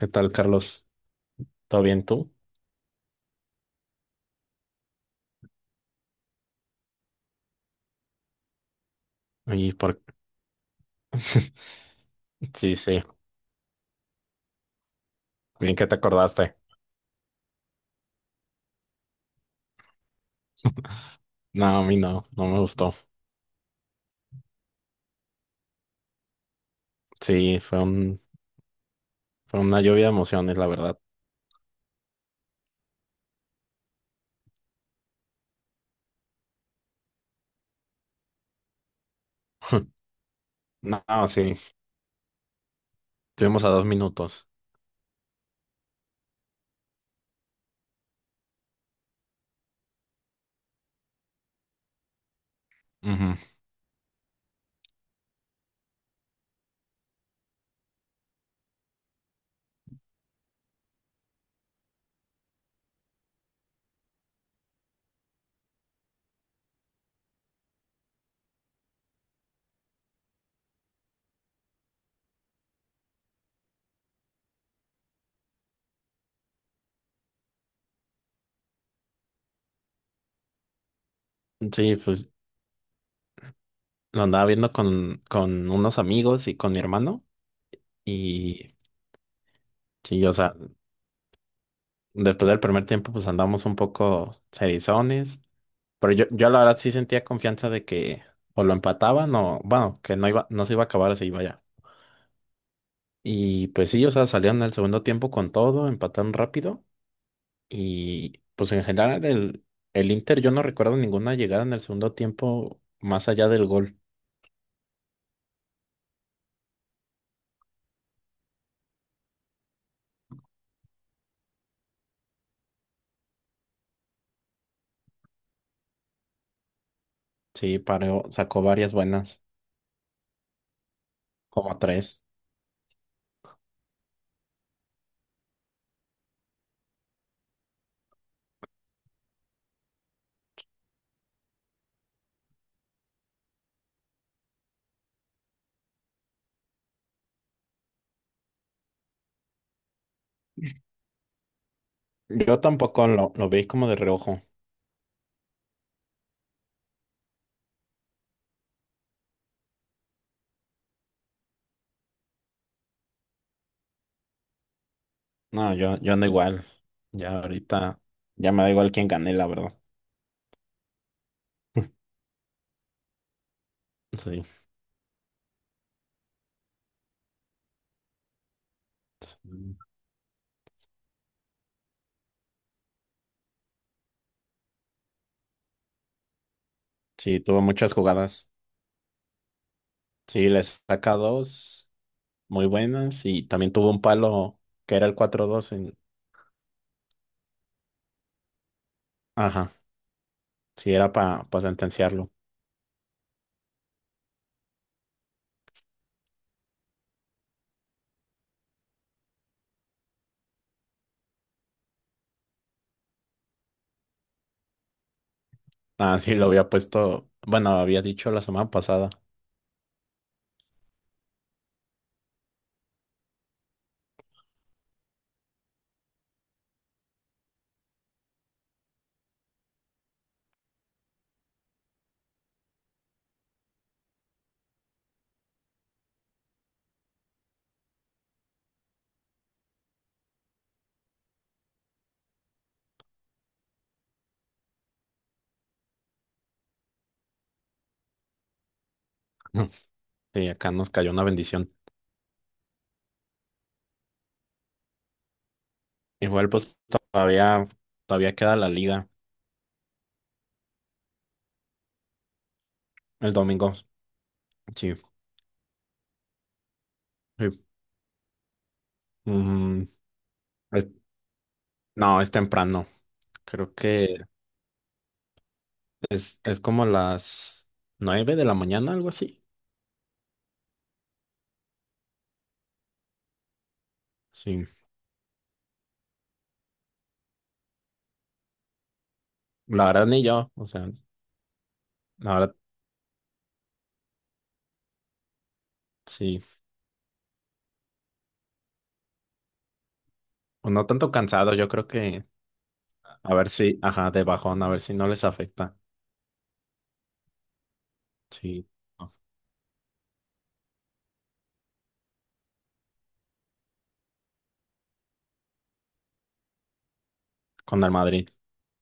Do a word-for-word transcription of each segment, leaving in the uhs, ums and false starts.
¿Qué tal, Carlos? ¿Todo bien tú? Y por... Sí, sí, bien que te acordaste. No, a mí no, no me gustó. Sí, fue un, fue una lluvia de emociones, la verdad. No, sí, estuvimos a dos minutos. Ujú. Sí, pues lo andaba viendo con, con unos amigos y con mi hermano. Y sí, o sea, después del primer tiempo, pues andamos un poco serizones. Pero yo, yo la verdad sí sentía confianza de que o lo empataban o, bueno, que no iba, no se iba a acabar así, vaya. Y pues sí, o sea, salieron al segundo tiempo con todo, empataron rápido. Y pues en general el, el Inter, yo no recuerdo ninguna llegada en el segundo tiempo más allá del gol. Sí, paró, sacó varias buenas, como tres. Yo tampoco lo, lo vi como de reojo. No, yo, yo ando igual. Ya ahorita, ya me da igual quién gané, la verdad. Sí. Sí, tuvo muchas jugadas. Sí, les saca dos muy buenas y también tuvo un palo que era el cuatro dos en... Ajá. Sí, era para sentenciarlo. Ah, sí, lo había puesto, bueno, había dicho la semana pasada. y acá nos cayó una bendición. Igual, pues todavía, todavía queda la liga el domingo. Sí, sí. Mm, es- no, es temprano. Creo que es, es como las nueve de la mañana, algo así. Sí, la verdad ni yo, o sea, la verdad, sí. O no tanto cansado, yo creo que a ver si, ajá, de bajón, a ver si no les afecta. Sí. Con el Madrid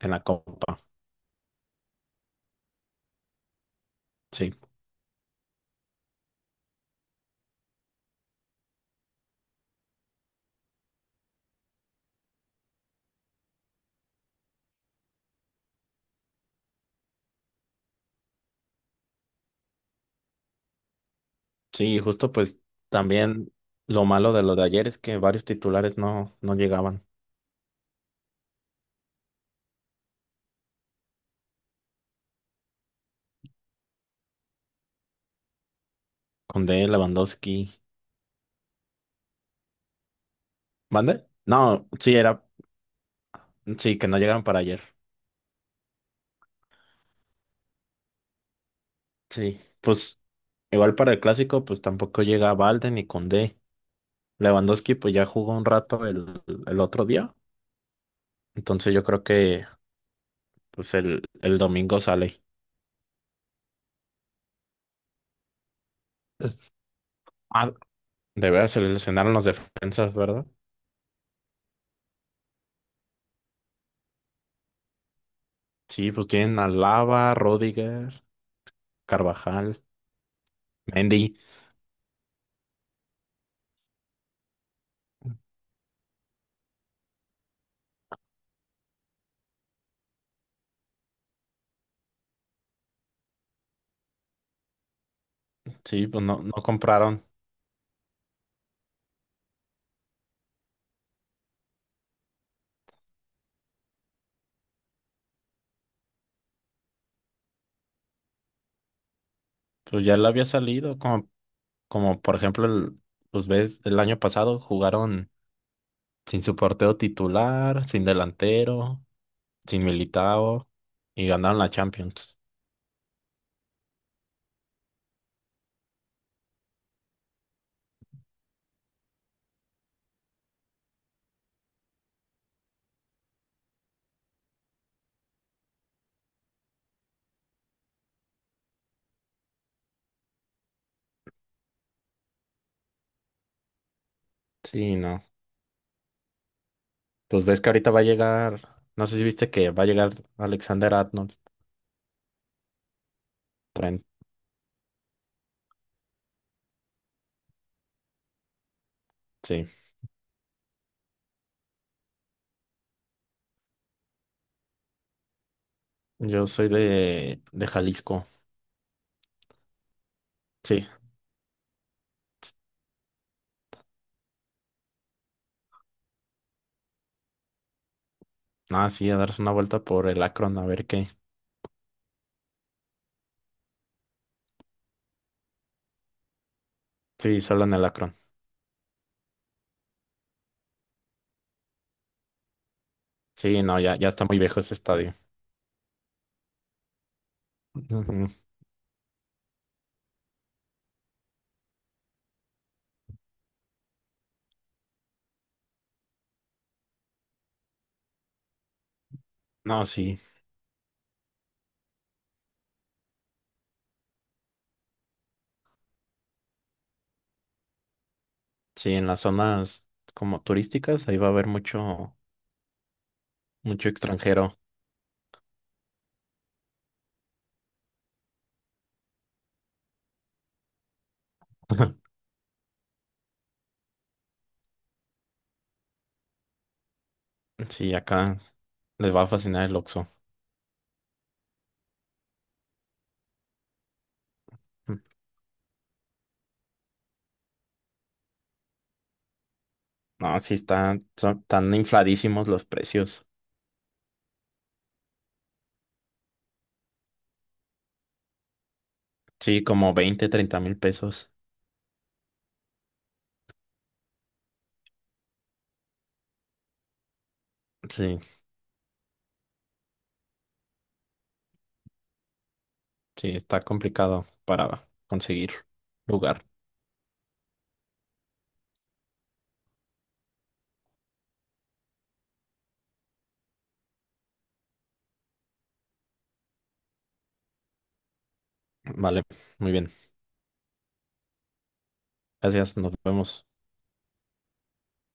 en la Copa. Sí, sí, justo pues también lo malo de lo de ayer es que varios titulares no, no llegaban. Conde, Lewandowski. ¿Mande? No, sí, era, sí, que no llegaron para ayer. Sí, pues igual para el clásico, pues tampoco llega Valde ni Conde. Lewandowski pues ya jugó un rato el, el otro día. Entonces yo creo que pues el, el domingo sale. Ah, de veras se lesionaron los defensas, ¿verdad? Sí, pues tienen a Lava, Rodiger. Carvajal, Mendy. Sí, pues no, no compraron. Pues ya le había salido, como, como por ejemplo, el, pues ves, el año pasado jugaron sin su portero titular, sin delantero, sin Militao y ganaron la Champions. Sí, no. Pues ves que ahorita va a llegar, no sé si viste que va a llegar Alexander Arnold, Trent. Sí, yo soy de, de Jalisco. Sí, nada, sí, a darse una vuelta por el Akron, a ver qué. Sí, solo en el Akron. Sí, no, ya, ya está muy viejo ese estadio. Ujú. No, sí, sí, en las zonas como turísticas, ahí va a haber mucho, mucho extranjero. Sí, acá les va a fascinar el Oxxo. No, sí, están, son, están infladísimos los precios. Sí, como veinte treinta mil pesos. Sí, sí, está complicado para conseguir lugar. Vale, muy bien. Gracias, nos vemos.